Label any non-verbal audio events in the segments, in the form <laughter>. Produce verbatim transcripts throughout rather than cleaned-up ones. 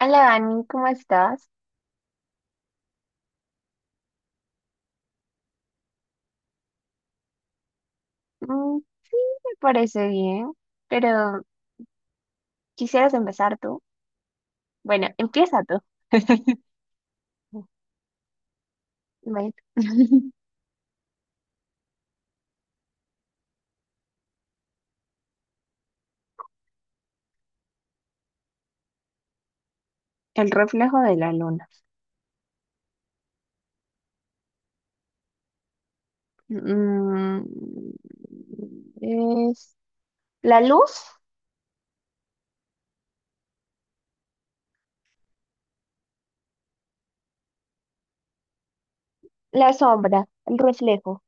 Hola Dani, ¿cómo estás? Mm, sí, me parece bien, pero ¿quisieras empezar tú? Bueno, empieza tú. Bueno. <laughs> El reflejo de la luna. Mm, es la luz, la sombra, el reflejo.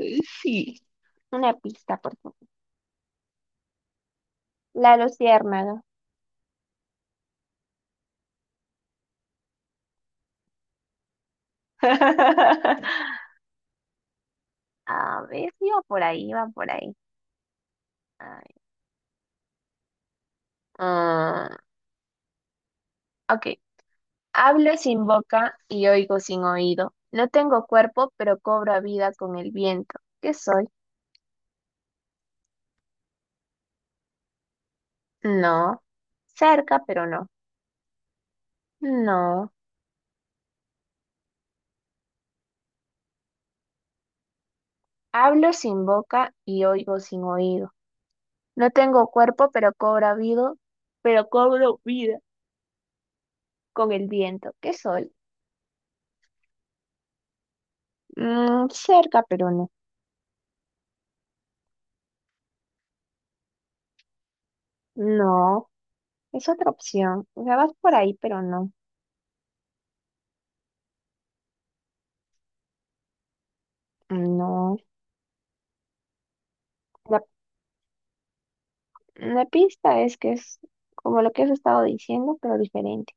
Eh, Sí. Una pista, por favor. La luciérnaga. <laughs> A ver, iba por ahí, iba por ahí. Ay, ah, ok, hablo sin boca y oigo sin oído. No tengo cuerpo, pero cobro vida con el viento. ¿Qué soy? No. Cerca, pero no. No. Hablo sin boca y oigo sin oído. No tengo cuerpo, pero cobro vida, pero cobro vida con el viento. ¿Qué soy? Mm, cerca, pero no. No. Es otra opción. O sea, vas por ahí, pero no. No. La, la pista es que es como lo que has estado diciendo, pero diferente.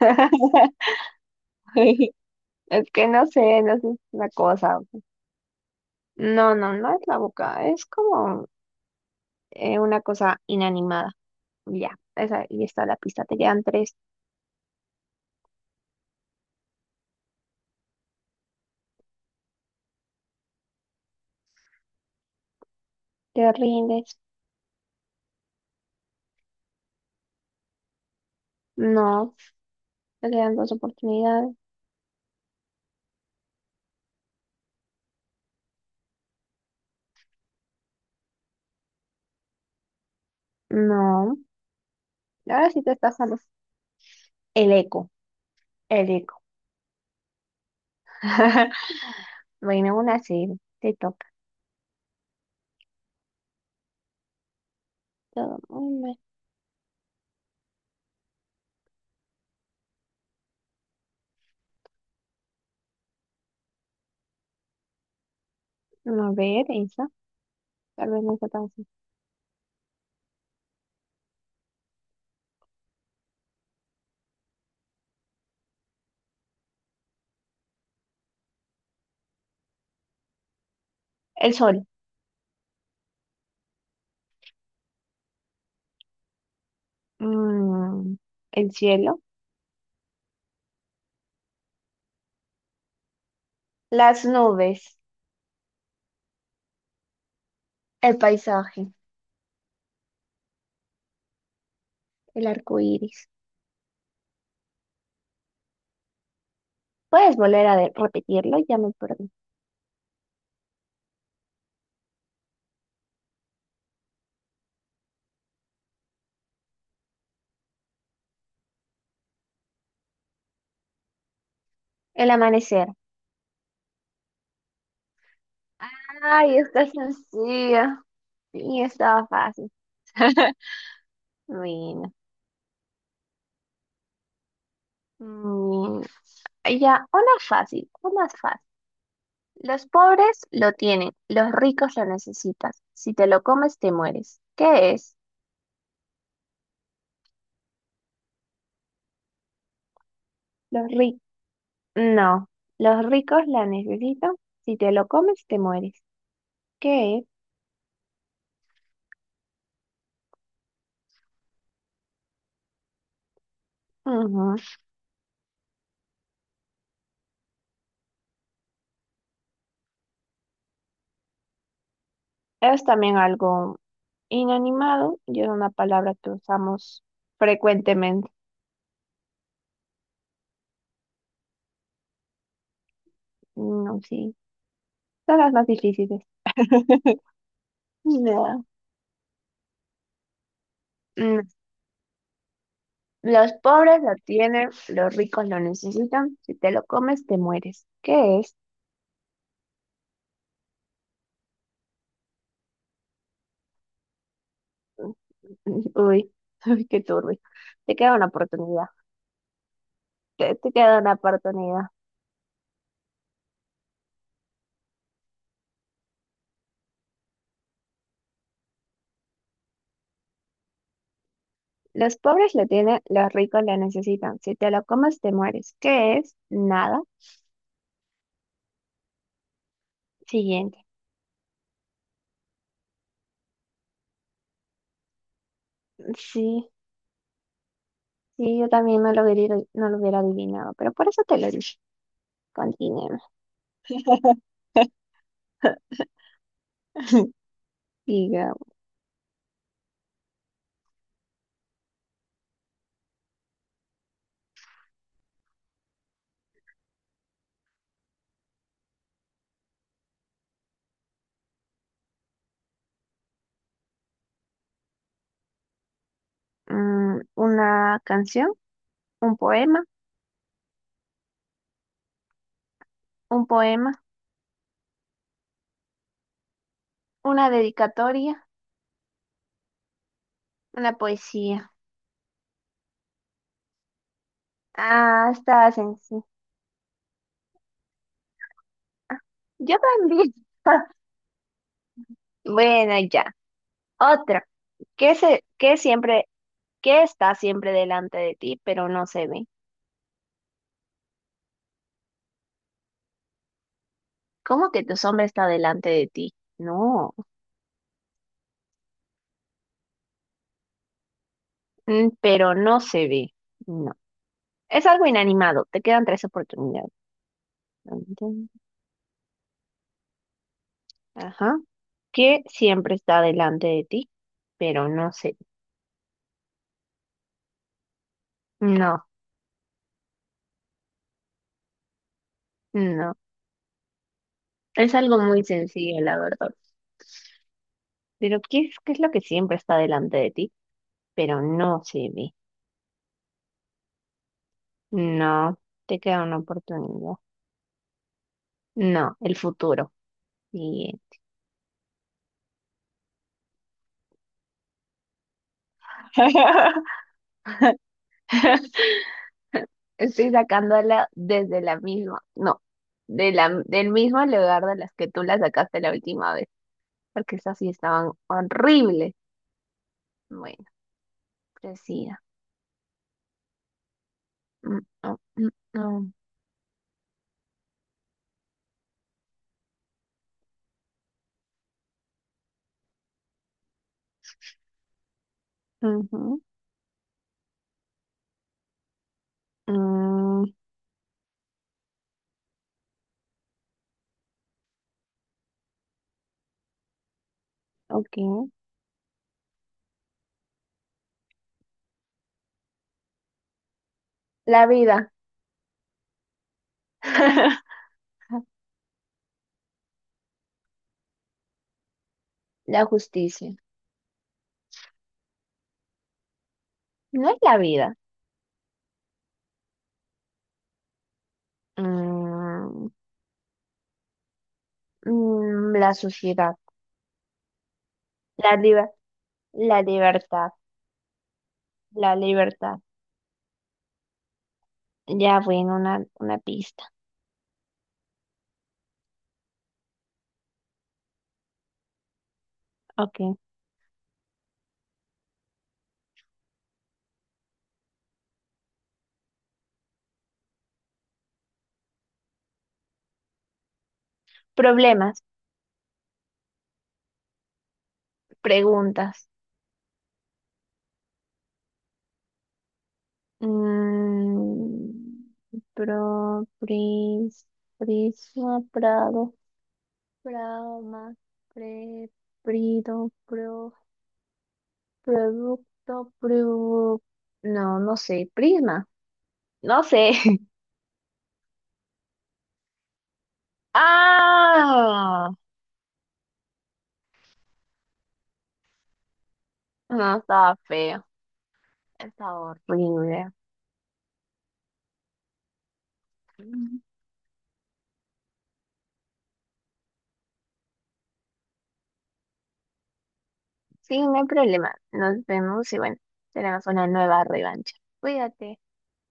<laughs> <laughs> Es que no sé, no sé, es una cosa. No, no, no es la boca, es como eh, una cosa inanimada. Ya, esa, y está la pista, te quedan tres, te rindes. No, te quedan dos oportunidades. No, ahora sí te estás dando el eco, el eco. <laughs> Bueno, una sí, te toca. Todo muy mal. No, a ver, esa, tal vez no está tan fácil. El sol, mm, el cielo, las nubes, el paisaje, el arco iris. Puedes volver a de- repetirlo, ya me perdí. El amanecer. Ay, está sencilla. Sí, estaba fácil. <laughs> Bueno, mm, ya, una fácil, una fácil. Los pobres lo tienen, los ricos lo necesitan. Si te lo comes, te mueres. ¿Qué es? Los ricos. No, los ricos la necesitan. Si te lo comes, te mueres. ¿Qué es? Ujú. Es también algo inanimado y es una palabra que usamos frecuentemente. No, sí, son las más difíciles. <laughs> No. Mm. Los pobres lo tienen, los ricos lo necesitan. Si te lo comes, te mueres. ¿Qué es? <laughs> Uy, uy, qué turbio. Te queda una oportunidad. Te, te queda una oportunidad. Los pobres lo tienen, los ricos lo necesitan. Si te lo comes, te mueres. ¿Qué es? Nada. Siguiente. Sí, sí, yo también no lo hubiera, no lo hubiera adivinado, pero por eso te lo dije. Continuemos. Diga, mm, una canción. Un poema, un poema, una dedicatoria, una poesía. Ah, estaba sencillo. Yo también. <laughs> Bueno, ya. Otra. ¿Qué se, qué siempre, ¿qué está siempre delante de ti, pero no se ve? ¿Cómo que tu sombra está delante de ti? No. Mm, Pero no se ve. No. Es algo inanimado. Te quedan tres oportunidades. Dun, dun. Ajá. ¿Qué siempre está delante de ti, pero no se ve? No, no. Es algo muy sencillo, la verdad. Pero ¿qué es, qué es lo que siempre está delante de ti? Pero no, Jimmy. No, te queda una oportunidad. No, el futuro. Bien. <laughs> Estoy sacándola desde la misma, no, de la, del mismo lugar de las que tú la sacaste la última vez, porque esas sí estaban horribles. Bueno, presida. Mm, mm, mm, mm. Ujú. Mm, ok. La vida. <laughs> La justicia. No es la vida. Mm, Mm, la sociedad, la liber- la libertad, la libertad. Ya, bueno, una, una pista. Ok. Problemas, preguntas. Mm, pro, pris, prisma, prado, prama, pre, prido, pro, producto, pru. No, no sé, prisma. No sé. <laughs> Ah, no, estaba feo. Estaba horrible. Sí, no hay problema. Nos vemos y bueno, tenemos una nueva revancha. Cuídate.